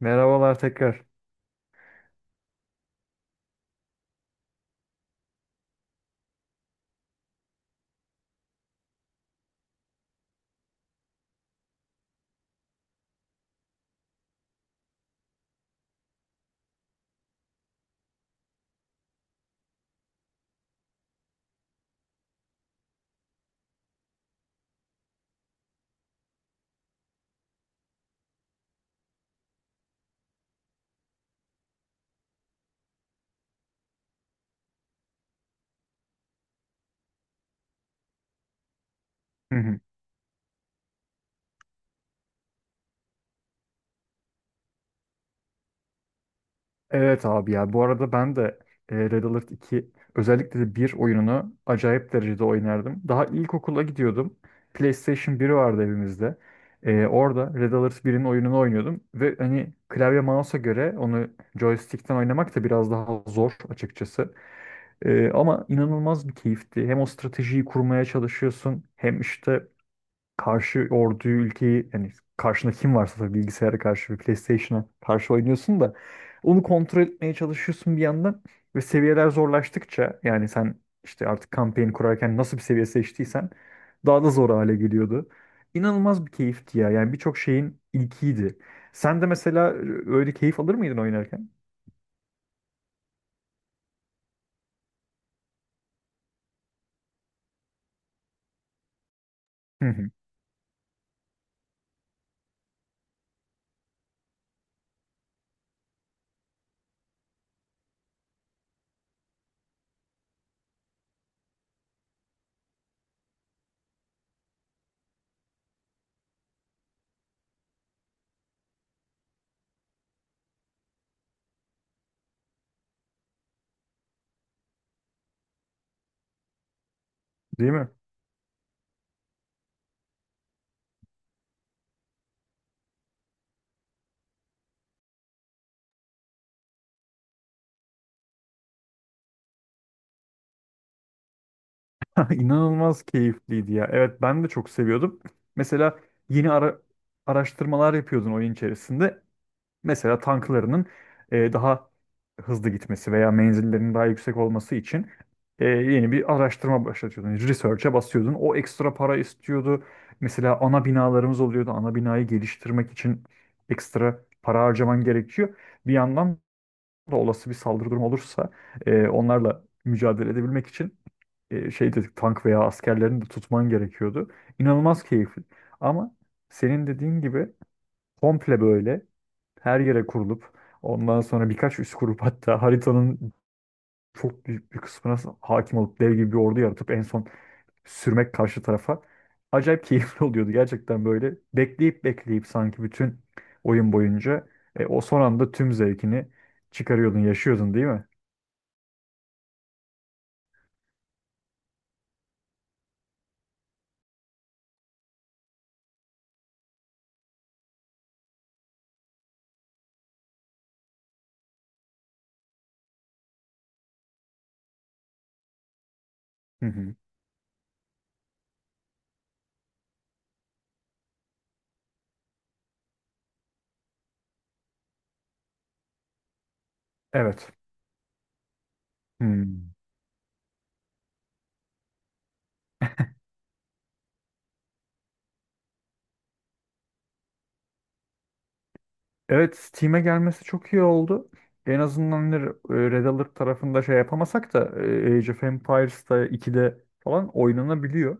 Merhabalar tekrar. Hı hı. Evet abi ya bu arada ben de Red Alert 2 özellikle de bir oyununu acayip derecede oynardım. Daha ilkokula gidiyordum. PlayStation 1 vardı evimizde. Orada Red Alert 1'in oyununu oynuyordum ve hani klavye mouse'a göre onu joystick'ten oynamak da biraz daha zor açıkçası. Ama inanılmaz bir keyifti. Hem o stratejiyi kurmaya çalışıyorsun hem işte karşı orduyu ülkeyi yani karşında kim varsa tabii bilgisayara karşı ve PlayStation'a karşı oynuyorsun da onu kontrol etmeye çalışıyorsun bir yandan ve seviyeler zorlaştıkça yani sen işte artık kampanya kurarken nasıl bir seviye seçtiysen daha da zor hale geliyordu. İnanılmaz bir keyifti ya. Yani birçok şeyin ilkiydi. Sen de mesela öyle keyif alır mıydın oynarken? Hı hı. Değil mi? İnanılmaz keyifliydi ya. Evet, ben de çok seviyordum. Mesela yeni araştırmalar yapıyordun oyun içerisinde. Mesela tanklarının daha hızlı gitmesi veya menzillerinin daha yüksek olması için yeni bir araştırma başlatıyordun, yani Research'e basıyordun. O ekstra para istiyordu. Mesela ana binalarımız oluyordu. Ana binayı geliştirmek için ekstra para harcaman gerekiyor. Bir yandan da olası bir saldırı durumu olursa onlarla mücadele edebilmek için şey dedik, tank veya askerlerini de tutman gerekiyordu. İnanılmaz keyifli. Ama senin dediğin gibi komple böyle her yere kurulup ondan sonra birkaç üs kurup hatta haritanın çok büyük bir kısmına hakim olup dev gibi bir ordu yaratıp en son sürmek karşı tarafa acayip keyifli oluyordu gerçekten, böyle bekleyip bekleyip sanki bütün oyun boyunca o son anda tüm zevkini çıkarıyordun, yaşıyordun, değil mi? Hı hı. Evet. Hmm. Evet, Steam'e gelmesi çok iyi oldu. En azından hani Red Alert tarafında şey yapamasak da Age of Empires'ta 2'de falan oynanabiliyor.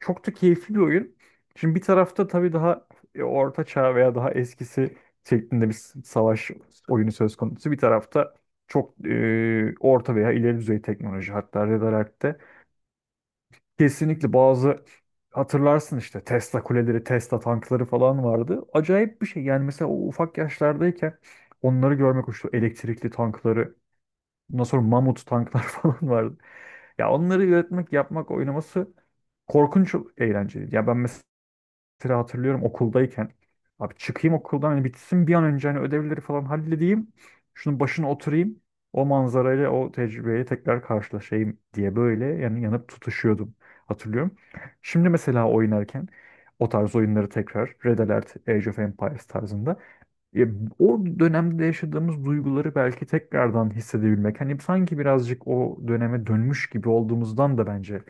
Çok da keyifli bir oyun. Şimdi bir tarafta tabii daha orta çağ veya daha eskisi şeklinde bir savaş oyunu söz konusu. Bir tarafta çok orta veya ileri düzey teknoloji. Hatta Red Alert'te kesinlikle bazı hatırlarsın işte Tesla kuleleri, Tesla tankları falan vardı. Acayip bir şey. Yani mesela o ufak yaşlardayken onları görmek hoştu. Elektrikli tankları, ondan sonra mamut tanklar falan vardı. Ya onları üretmek, yapmak, oynaması korkunç eğlenceliydi. Ya ben mesela hatırlıyorum okuldayken. Abi çıkayım okuldan, hani bitsin bir an önce, hani ödevleri falan halledeyim. Şunun başına oturayım. O manzarayla, o tecrübeyle tekrar karşılaşayım diye, böyle yani yanıp tutuşuyordum. Hatırlıyorum. Şimdi mesela oynarken o tarz oyunları tekrar, Red Alert, Age of Empires tarzında ya, o dönemde yaşadığımız duyguları belki tekrardan hissedebilmek. Hani sanki birazcık o döneme dönmüş gibi olduğumuzdan da bence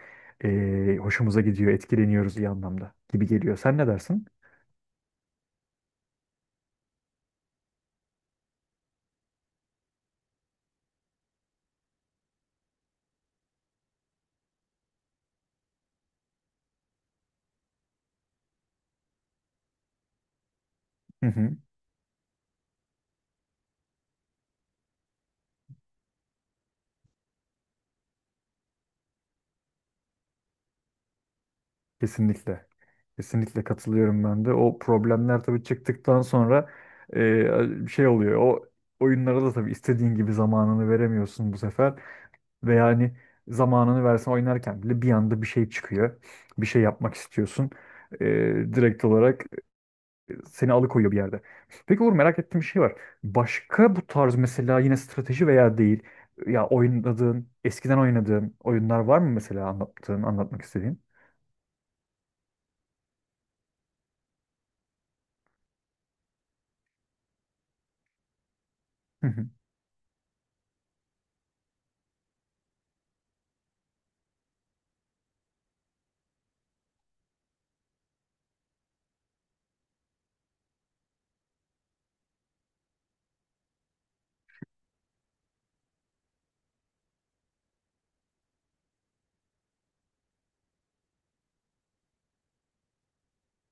hoşumuza gidiyor, etkileniyoruz, iyi anlamda gibi geliyor. Sen ne dersin? Hı hı, kesinlikle. Kesinlikle katılıyorum ben de. O problemler tabii çıktıktan sonra şey oluyor. O oyunlara da tabii istediğin gibi zamanını veremiyorsun bu sefer. Ve yani zamanını versen oynarken bile bir anda bir şey çıkıyor. Bir şey yapmak istiyorsun. Ee, Direkt olarak seni alıkoyuyor bir yerde. Peki Uğur, merak ettiğim bir şey var. Başka bu tarz mesela yine strateji veya değil ya oynadığın, eskiden oynadığın oyunlar var mı mesela, anlattığın, anlatmak istediğin? Hı hı.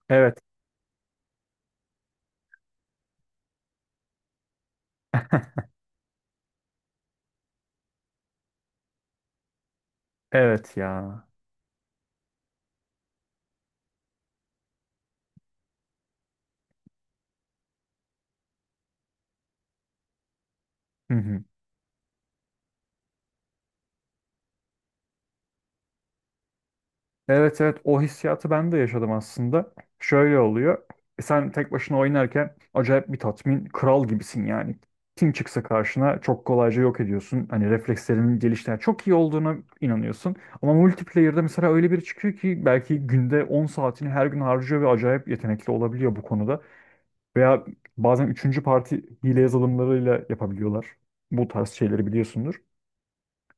Evet, evet ya. Hı hı. Evet, evet, o hissiyatı ben de yaşadım aslında. Şöyle oluyor. Sen tek başına oynarken acayip bir tatmin, kral gibisin yani. Kim çıksa karşına çok kolayca yok ediyorsun. Hani reflekslerinin geliştiğine, çok iyi olduğuna inanıyorsun. Ama multiplayer'da mesela öyle biri çıkıyor ki belki günde 10 saatini her gün harcıyor ve acayip yetenekli olabiliyor bu konuda. Veya bazen üçüncü parti hile yazılımlarıyla yapabiliyorlar. Bu tarz şeyleri biliyorsundur,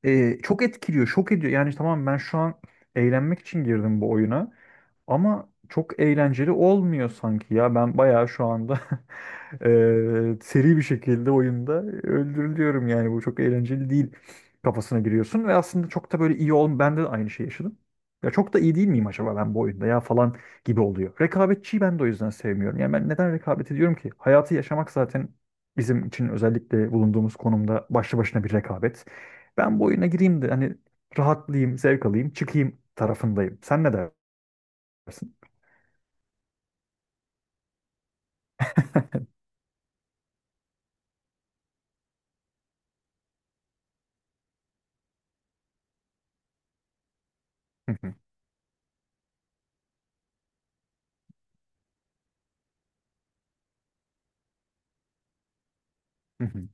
çok etkiliyor, şok ediyor. Yani tamam, ben şu an eğlenmek için girdim bu oyuna ama çok eğlenceli olmuyor sanki ya. Ben bayağı şu anda seri bir şekilde oyunda öldürülüyorum, yani bu çok eğlenceli değil kafasına giriyorsun ve aslında çok da böyle iyi ol, ben de aynı şeyi yaşadım. Ya çok da iyi değil miyim acaba ben bu oyunda ya falan gibi oluyor. Rekabetçiyi ben de o yüzden sevmiyorum. Yani ben neden rekabet ediyorum ki? Hayatı yaşamak zaten bizim için, özellikle bulunduğumuz konumda, başlı başına bir rekabet. Ben bu oyuna gireyim de hani rahatlayayım, zevk alayım, çıkayım tarafındayım. Sen ne dersin? Hı hı, hı hı.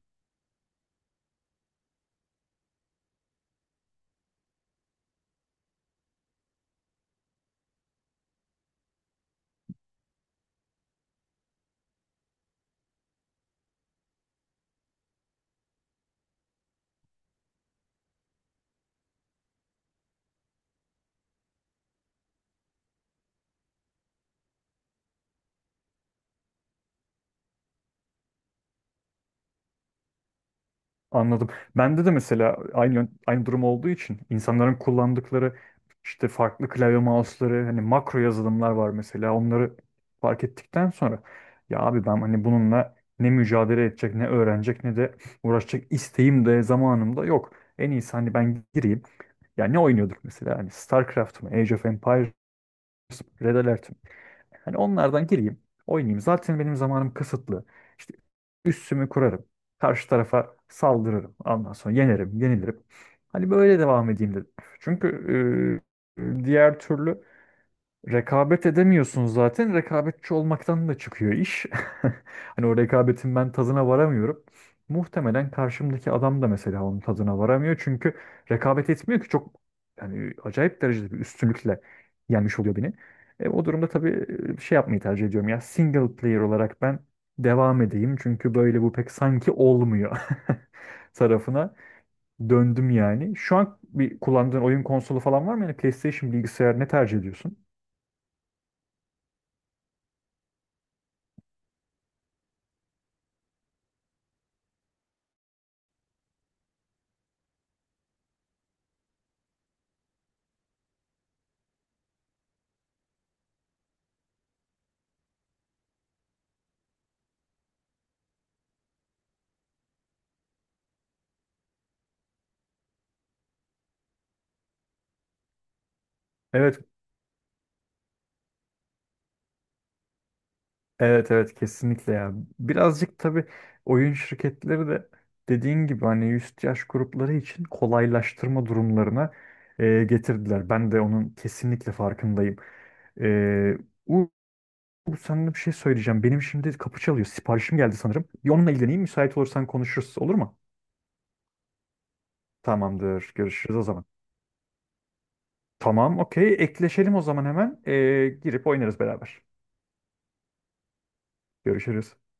Anladım. Bende de mesela aynı aynı durum olduğu için insanların kullandıkları işte farklı klavye mouse'ları, hani makro yazılımlar var mesela. Onları fark ettikten sonra ya abi ben hani bununla ne mücadele edecek, ne öğrenecek, ne de uğraşacak isteğim de zamanım da yok. En iyisi hani ben gireyim. Ya ne oynuyorduk mesela? Hani StarCraft mı, Age of Empires mı, Red Alert mi? Hani onlardan gireyim, oynayayım. Zaten benim zamanım kısıtlı. İşte üssümü kurarım. Karşı tarafa saldırırım. Ondan sonra yenerim, yenilirim. Hani böyle devam edeyim dedim. Çünkü diğer türlü rekabet edemiyorsun zaten. Rekabetçi olmaktan da çıkıyor iş. Hani o rekabetin ben tadına varamıyorum. Muhtemelen karşımdaki adam da mesela onun tadına varamıyor. Çünkü rekabet etmiyor ki çok, yani acayip derecede bir üstünlükle yenmiş oluyor beni. O durumda tabii şey yapmayı tercih ediyorum ya, single player olarak ben devam edeyim. Çünkü böyle bu pek sanki olmuyor tarafına döndüm yani. Şu an bir kullandığın oyun konsolu falan var mı? Yani PlayStation, bilgisayar, ne tercih ediyorsun? Evet. Evet, evet, kesinlikle ya. Birazcık tabii oyun şirketleri de dediğin gibi hani üst yaş grupları için kolaylaştırma durumlarına getirdiler. Ben de onun kesinlikle farkındayım. E, U, Sana bir şey söyleyeceğim. Benim şimdi kapı çalıyor. Siparişim geldi sanırım. Bir onunla ilgileneyim. Müsait olursan konuşuruz, olur mu? Tamamdır. Görüşürüz o zaman. Tamam, okey. Ekleşelim o zaman hemen. Girip oynarız beraber. Görüşürüz.